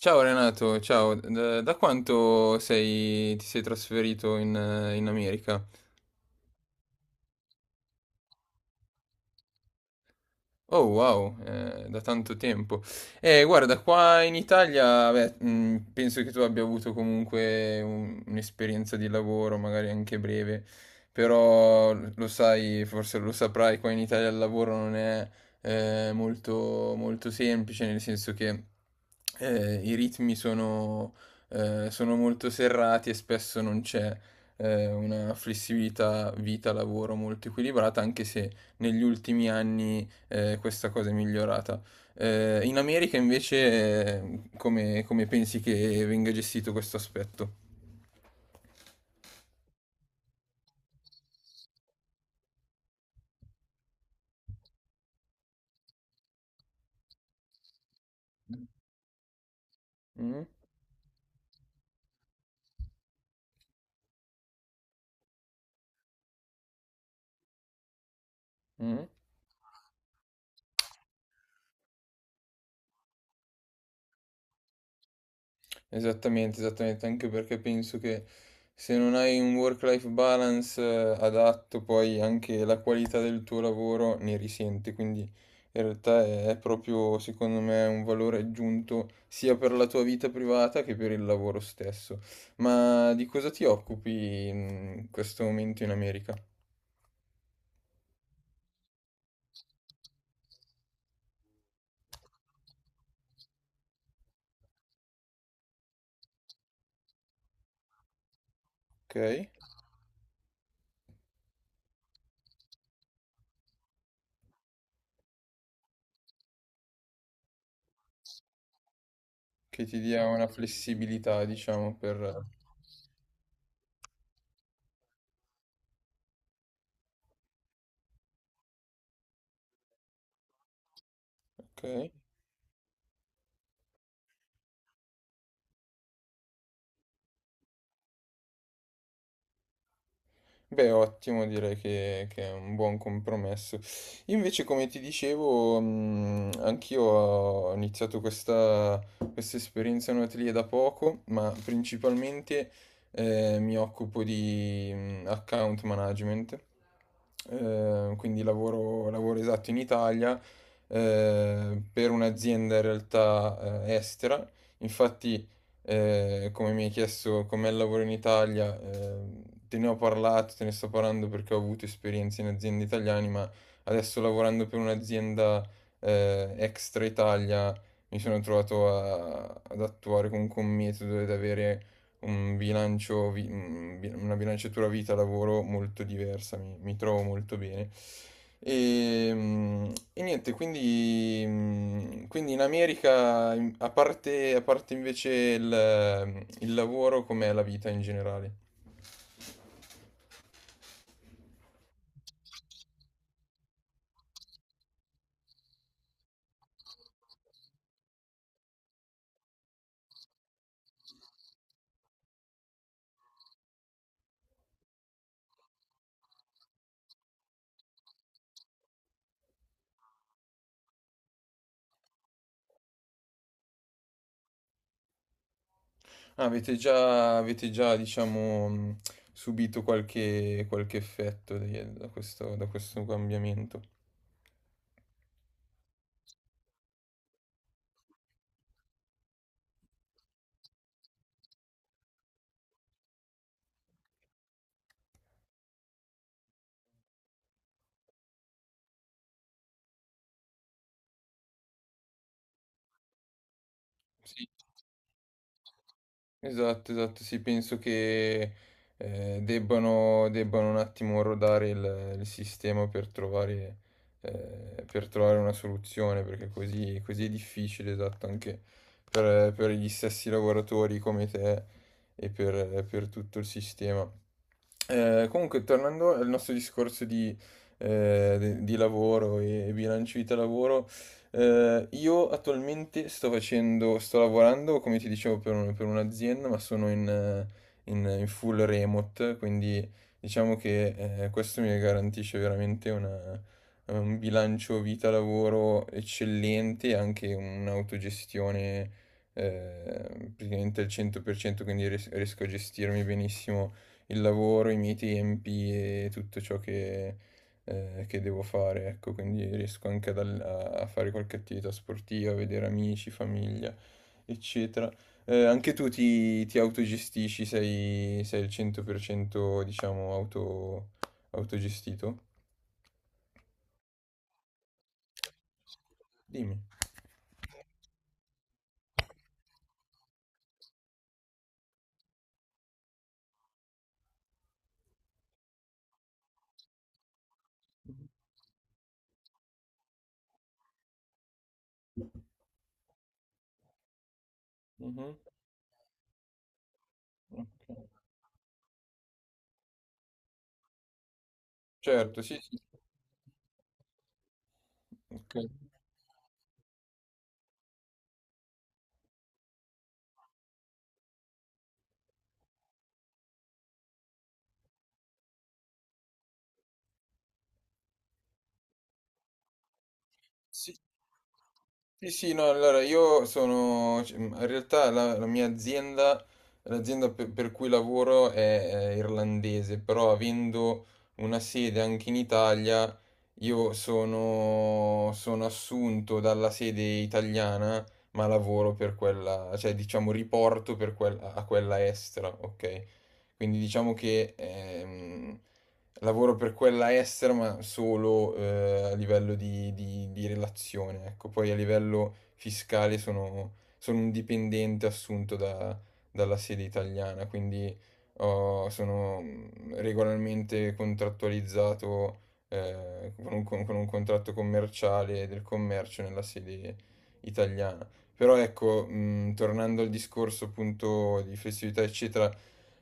Ciao Renato, ciao, da quanto ti sei trasferito in, in America? Oh wow, da tanto tempo. Guarda, qua in Italia, beh, penso che tu abbia avuto comunque un'esperienza di lavoro, magari anche breve, però lo sai, forse lo saprai, qua in Italia il lavoro non è molto, molto semplice, nel senso che i ritmi sono, sono molto serrati e spesso non c'è una flessibilità vita-lavoro molto equilibrata, anche se negli ultimi anni questa cosa è migliorata. In America invece, come, come pensi che venga gestito questo aspetto? Mm? Mm? Esattamente, esattamente, anche perché penso che se non hai un work-life balance adatto, poi anche la qualità del tuo lavoro ne risente, quindi in realtà è proprio, secondo me, un valore aggiunto sia per la tua vita privata che per il lavoro stesso. Ma di cosa ti occupi in questo momento in America? Ok? Che ti dia una flessibilità, diciamo, per... Ok? Beh, ottimo, direi che è un buon compromesso. Io invece, come ti dicevo, anch'io ho iniziato questa, questa esperienza in un atelier da poco, ma principalmente mi occupo di account management. Quindi lavoro, lavoro esatto in Italia per un'azienda in realtà estera. Infatti, come mi hai chiesto com'è il lavoro in Italia, te ne ho parlato, te ne sto parlando perché ho avuto esperienze in aziende italiane, ma adesso lavorando per un'azienda, extra Italia, mi sono trovato ad attuare comunque un metodo ed avere un bilancio, vi- un bi- una bilanciatura vita-lavoro molto diversa, mi trovo molto bene. E, e niente, quindi, quindi in America, a parte invece il lavoro, com'è la vita in generale? Ah, avete già, diciamo, subito qualche, qualche da questo cambiamento? Sì. Esatto, esatto, sì, penso che debbano, debbano un attimo rodare il sistema per trovare una soluzione, perché così, così è difficile, esatto, anche per gli stessi lavoratori come te e per tutto il sistema. Comunque, tornando al nostro discorso di, di lavoro e bilancio vita-lavoro, io attualmente sto facendo, sto lavorando, come ti dicevo, per per un'azienda, ma sono in, in full remote, quindi diciamo che questo mi garantisce veramente un bilancio vita-lavoro eccellente e anche un'autogestione praticamente al 100%, quindi riesco a gestirmi benissimo il lavoro, i miei tempi e tutto ciò che devo fare, ecco, quindi riesco anche ad a fare qualche attività sportiva, a vedere amici, famiglia, eccetera. Anche tu ti, ti autogestisci, sei, sei il 100%, diciamo, auto, autogestito? Dimmi. Mhm, ok. Certo, sì, sì. Ok. Sì, sì, sì, no, allora io sono, cioè, in realtà la, la mia azienda, l'azienda per cui lavoro è irlandese, però avendo una sede anche in Italia, io sono, sono assunto dalla sede italiana, ma lavoro per quella, cioè diciamo riporto per quella, a quella estera, ok? Quindi diciamo che lavoro per quella estera, ma solo, a livello di di relazione, ecco. Poi a livello fiscale sono sono un dipendente assunto da dalla sede italiana, quindi ho sono, regolarmente contrattualizzato, con un con un contratto commerciale del commercio nella sede italiana. Però ecco, tornando al discorso appunto di flessibilità eccetera,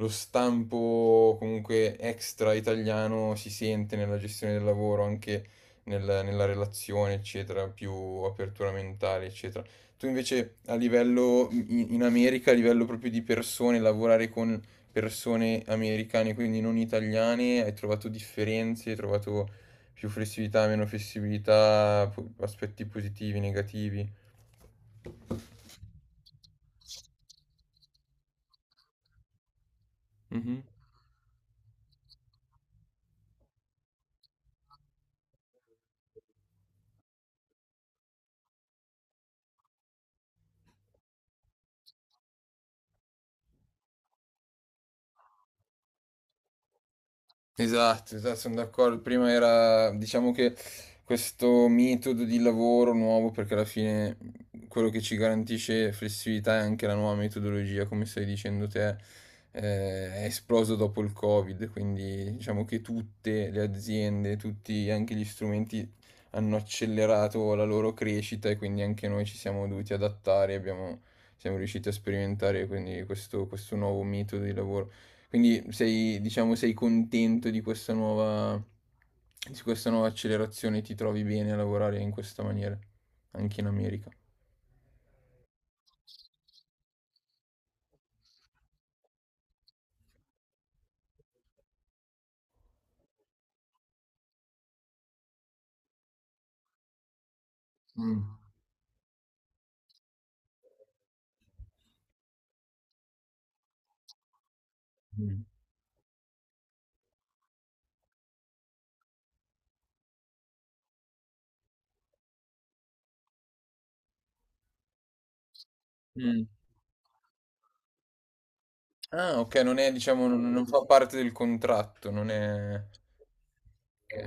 lo stampo comunque extra italiano si sente nella gestione del lavoro, anche nella relazione, eccetera, più apertura mentale, eccetera. Tu invece a livello in, in America, a livello proprio di persone, lavorare con persone americane, quindi non italiane, hai trovato differenze, hai trovato più flessibilità, meno flessibilità, aspetti positivi, negativi. Mhm. Esatto, esatto, sono d'accordo. Prima era, diciamo che questo metodo di lavoro nuovo, perché alla fine quello che ci garantisce flessibilità è anche la nuova metodologia, come stai dicendo te, eh, è esploso dopo il Covid, quindi diciamo che tutte le aziende, tutti anche gli strumenti hanno accelerato la loro crescita e quindi anche noi ci siamo dovuti adattare, abbiamo, siamo riusciti a sperimentare quindi questo nuovo metodo di lavoro. Quindi sei, diciamo, sei contento di questa nuova accelerazione, ti trovi bene a lavorare in questa maniera, anche in America. Mm. Mm. Mm. Ah, ok, non è, diciamo, non, non fa parte del contratto, non è... ok.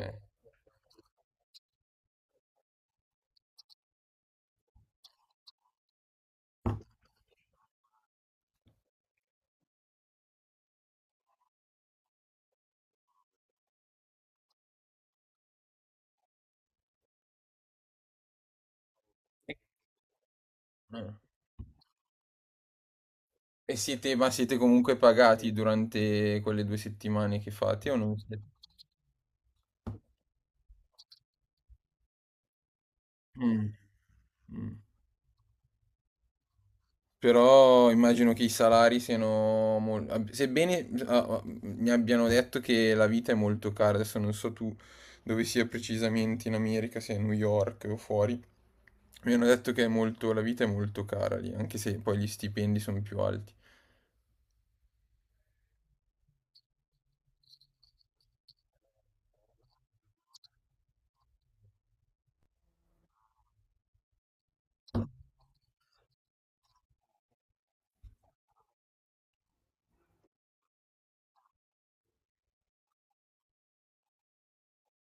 Ah. E siete, ma siete comunque pagati durante quelle due settimane che fate o non siete? Mm. Mm. Però immagino che i salari siano sebbene ah, ah, mi abbiano detto che la vita è molto cara, adesso non so tu dove sia precisamente in America, se a New York o fuori, mi hanno detto che è la vita è molto cara lì, anche se poi gli stipendi sono più alti.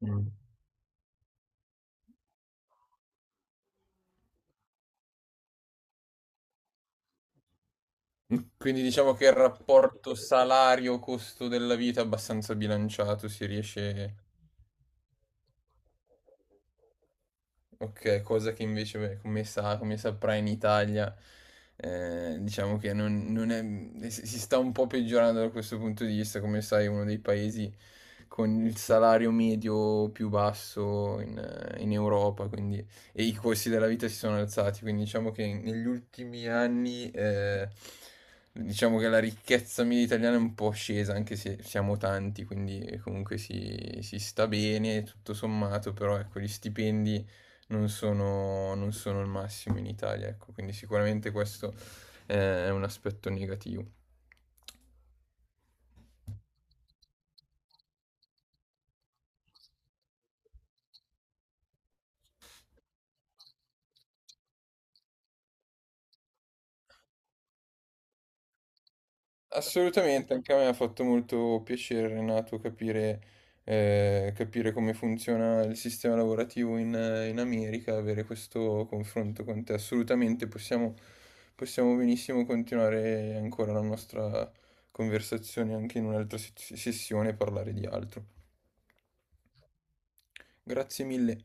Mm. Quindi diciamo che il rapporto salario-costo della vita è abbastanza bilanciato, si riesce. Ok, cosa che invece, beh, come saprai in Italia, diciamo che non, non è, si si sta un po' peggiorando da questo punto di vista, come sai, è uno dei paesi con il salario medio più basso in, in Europa, quindi, e i costi della vita si sono alzati, quindi diciamo che negli ultimi anni, diciamo che la ricchezza media italiana è un po' scesa, anche se siamo tanti, quindi comunque si, si sta bene, tutto sommato, però ecco, gli stipendi non sono, non sono il massimo in Italia, ecco, quindi sicuramente questo è un aspetto negativo. Assolutamente, anche a me ha fatto molto piacere, Renato, capire, capire come funziona il sistema lavorativo in, in America, avere questo confronto con te. Assolutamente, possiamo, possiamo benissimo continuare ancora la nostra conversazione anche in un'altra sessione e parlare di altro. Grazie mille.